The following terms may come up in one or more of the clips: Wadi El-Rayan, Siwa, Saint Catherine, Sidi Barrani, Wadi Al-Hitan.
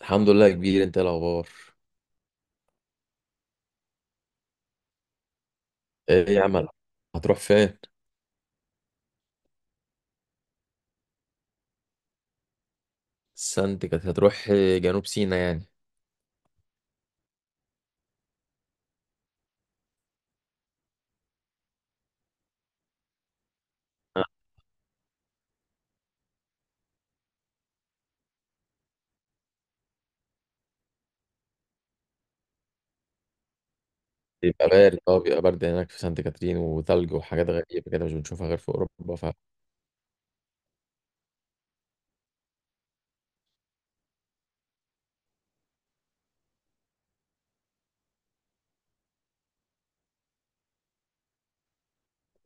الحمد لله يا كبير، انت ايه الاخبار؟ ايه يا عم، هتروح فين؟ سانت كاترين؟ هتروح جنوب سيناء يعني. آه، بيبقى بارد، بيبقى برد هناك في سانت كاترين، وثلج وحاجات غريبه كده مش بنشوفها غير في اوروبا. ف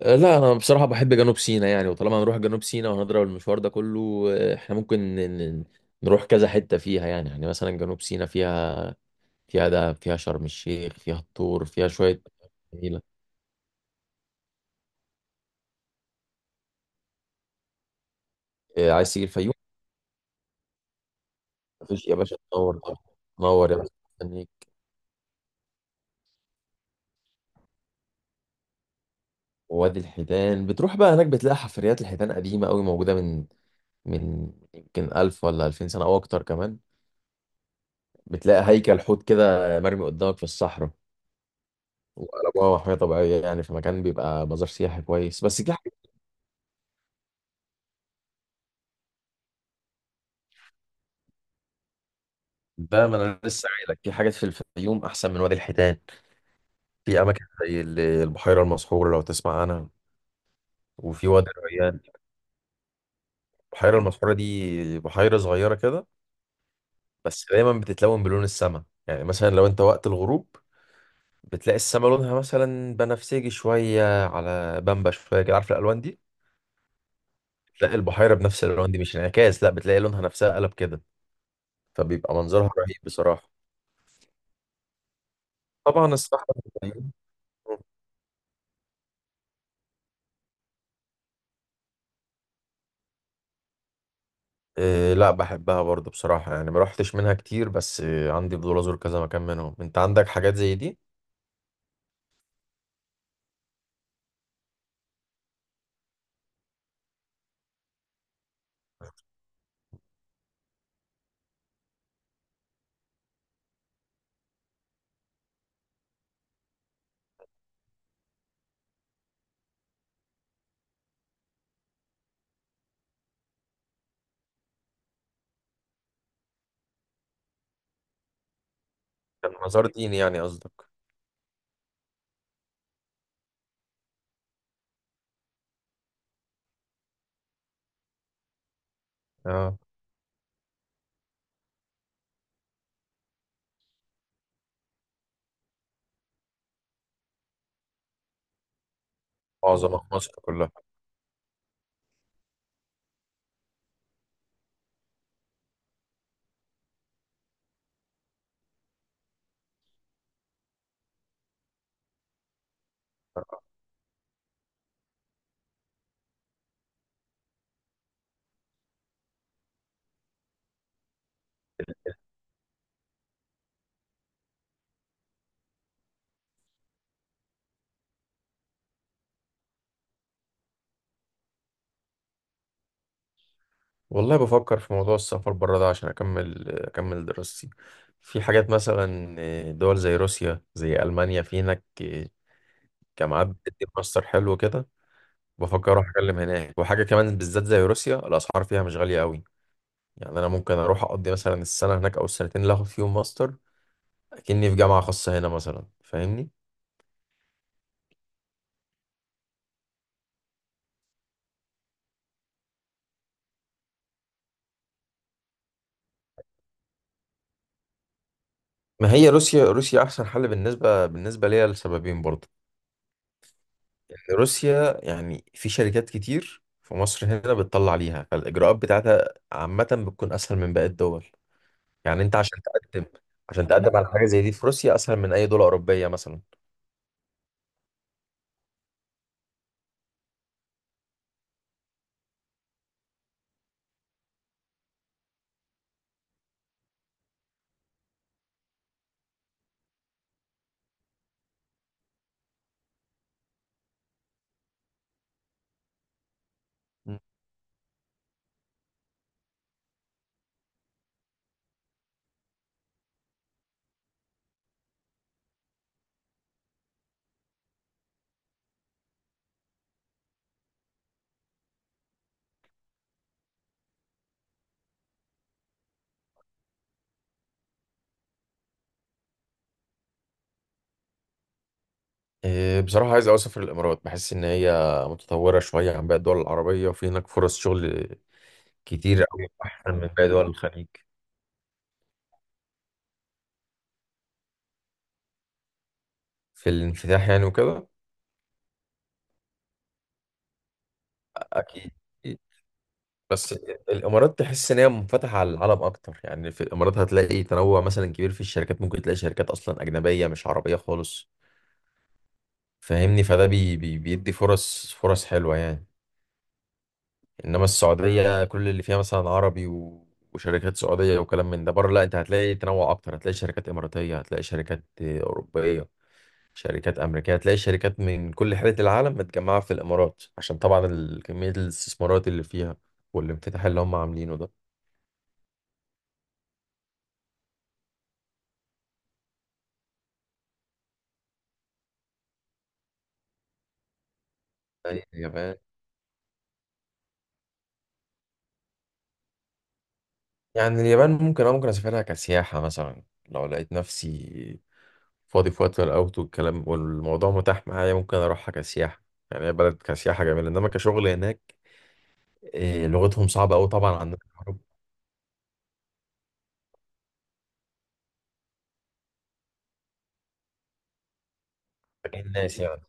آه، لا، انا بصراحه بحب جنوب سيناء يعني. وطالما هنروح جنوب سيناء وهنضرب المشوار ده كله، احنا ممكن نروح كذا حته فيها يعني. يعني مثلا جنوب سيناء فيها، دهب، فيها شرم الشيخ، فيها الطور، فيها شويه. جميله. عايز تيجي الفيوم؟ مفيش يا باشا، تنور طبعا. تنور يا باشا، مستنيك. ووادي الحيتان بتروح بقى هناك، بتلاقي حفريات الحيتان قديمة قوي موجودة من يمكن 1000 ولا 2000 سنة أو أكتر كمان. بتلاقي هيكل حوت كده مرمي قدامك في الصحراء. وقلبوها محمية طبيعية يعني، في مكان بيبقى مزار سياحي كويس، بس في حاجات. بقى ما أنا لسه قايل لك، في حاجات في الفيوم أحسن من وادي الحيتان. في أماكن زي البحيرة المسحورة، لو تسمع عنها. وفي وادي الريان. البحيرة المسحورة دي بحيرة صغيرة كده، بس دايما بتتلون بلون السماء. يعني مثلا لو أنت وقت الغروب بتلاقي السما لونها مثلا بنفسجي شوية، على بامبا شوية كده، عارف الألوان دي؟ بتلاقي البحيرة بنفس الألوان دي، مش انعكاس، لا، بتلاقي لونها نفسها قلب كده. فبيبقى منظرها رهيب بصراحة. طبعا الصحراء، الفيوم، إيه لا بحبها برضو بصراحة، يعني ما روحتش منها كتير، بس إيه عندي فضول أزور كذا مكان منهم. أنت عندك حاجات زي دي؟ كان مزار ديني يعني قصدك؟ اه. معظم مصر كلها. والله بفكر في موضوع السفر بره ده عشان أكمل دراستي. في حاجات مثلا دول زي روسيا، زي ألمانيا. في هناك جامعات بتدي ماستر حلو كده. بفكر أروح أتكلم هناك. وحاجة كمان بالذات زي روسيا، الأسعار فيها مش غالية أوي. يعني أنا ممكن أروح أقضي مثلا السنة هناك، أو السنتين اللي آخد فيهم ماستر، أكني في جامعة خاصة هنا مثلا، فاهمني. ما هي روسيا، روسيا أحسن حل بالنسبة ليا، لسببين برضه. إن روسيا، يعني في شركات كتير في مصر هنا بتطلع ليها، فالإجراءات بتاعتها عامة بتكون أسهل من باقي الدول. يعني أنت عشان تقدم على حاجة زي دي في روسيا أسهل من أي دولة أوروبية مثلا. مم. إيه، بصراحة عايز أوي أسافر الإمارات، بحس إن هي متطورة شوية عن باقي الدول العربية، وفي هناك فرص شغل كتير أوي، أحسن من باقي دول الخليج. في الانفتاح يعني وكده. أكيد. بس الامارات تحس ان هي منفتحه على العالم اكتر. يعني في الامارات هتلاقي تنوع مثلا كبير في الشركات. ممكن تلاقي شركات اصلا اجنبيه مش عربيه خالص، فاهمني. فده بي بي بيدي فرص، حلوه يعني. انما السعوديه كل اللي فيها مثلا عربي و... وشركات سعوديه وكلام من ده، بره لا، انت هتلاقي تنوع اكتر، هتلاقي شركات اماراتيه، هتلاقي شركات اوروبيه، شركات امريكيه، هتلاقي شركات من كل حته العالم متجمعه في الامارات، عشان طبعا كميه الاستثمارات اللي فيها والانفتاح اللي هم عاملينه ده. أيوة يا باشا. يعني اليابان ممكن، اه ممكن اسافرها كسياحة مثلا، لو لقيت نفسي فاضي في وقت الاوت والكلام والموضوع متاح معايا ممكن اروحها كسياحة. يعني هي بلد كسياحة جميلة، انما كشغل هناك إيه، لغتهم صعبة قوي. طبعا عندنا في أوروبا، باقي الناس يعني.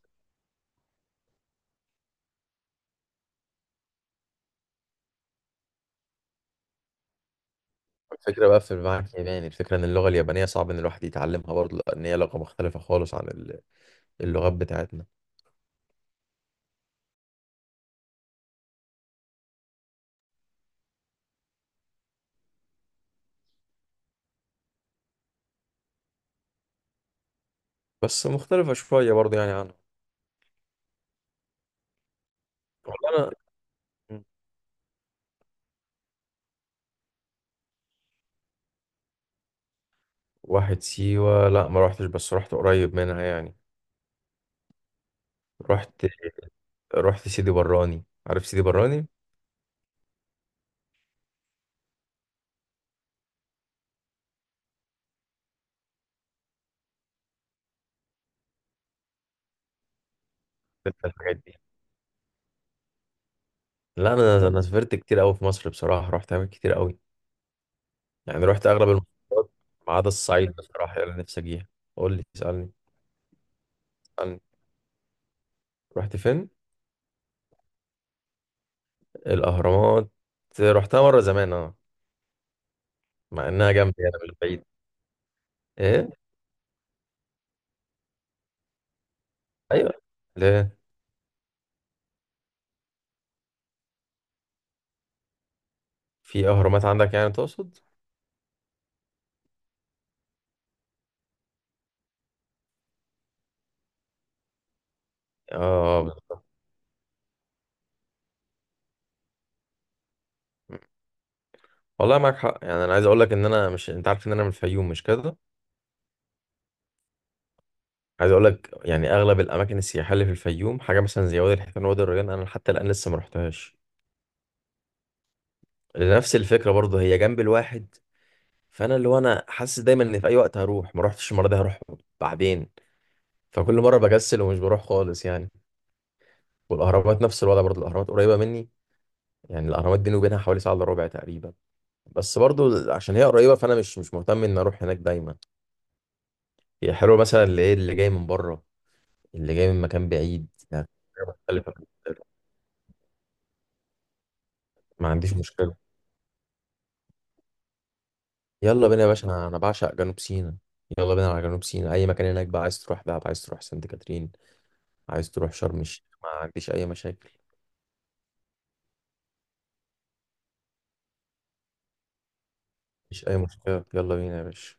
الفكرة بقى في المعاك الياباني. الفكرة ان اللغة اليابانية صعب ان الواحد يتعلمها برضه، لان هي لغة مختلفة خالص عن اللغات بتاعتنا. بس مختلفة شوية برضه يعني عنها. والله انا. واحد سيوة؟ لا ما روحتش، بس رحت قريب منها يعني. رحت، سيدي براني، عارف سيدي براني؟ سافرت الحاجات دي. لا، انا سافرت كتير قوي في مصر بصراحه، رحت اماكن كتير قوي. يعني رحت اغلب المحافظات ما عدا الصعيد بصراحه، اللي أنا نفسي اجيها. قول لي، اسالني. اسالني. رحت فين؟ الاهرامات؟ رحتها مره زمان اه. مع انها جنبي، انا مش بعيد. ايه. ايوه. لا. في اهرامات عندك يعني تقصد؟ اه. والله معاك حق، يعني انا عايز اقول لك ان انا، مش انت عارف ان انا من الفيوم مش كده؟ عايز اقول لك، يعني اغلب الاماكن السياحيه اللي في الفيوم، حاجه مثلا زي وادي الحيتان، وادي الريان، انا حتى الان لسه ما رحتهاش لنفس الفكره برضه، هي جنب الواحد. فانا اللي هو انا حاسس دايما ان في اي وقت هروح، ما رحتش المره دي هروح بعدين. فكل مره بكسل ومش بروح خالص يعني. والاهرامات نفس الوضع برضه، الاهرامات قريبه مني. يعني الاهرامات بيني وبينها حوالي ساعه الا ربع تقريبا. بس برضه عشان هي قريبه فانا مش مهتم ان اروح هناك دايما. هي حلوه مثلا اللي ايه، اللي جاي من بره، اللي جاي من مكان بعيد يعني. حاجة مختلفة. ما عنديش مشكله. يلا بينا يا باشا، انا بعشق جنوب سيناء. يلا بينا على جنوب سيناء، اي مكان هناك بقى. عايز تروح دهب، عايز تروح سانت كاترين، عايز تروح شرم الشيخ، ما عنديش اي مشاكل. مفيش اي مشكله، يلا بينا يا باشا.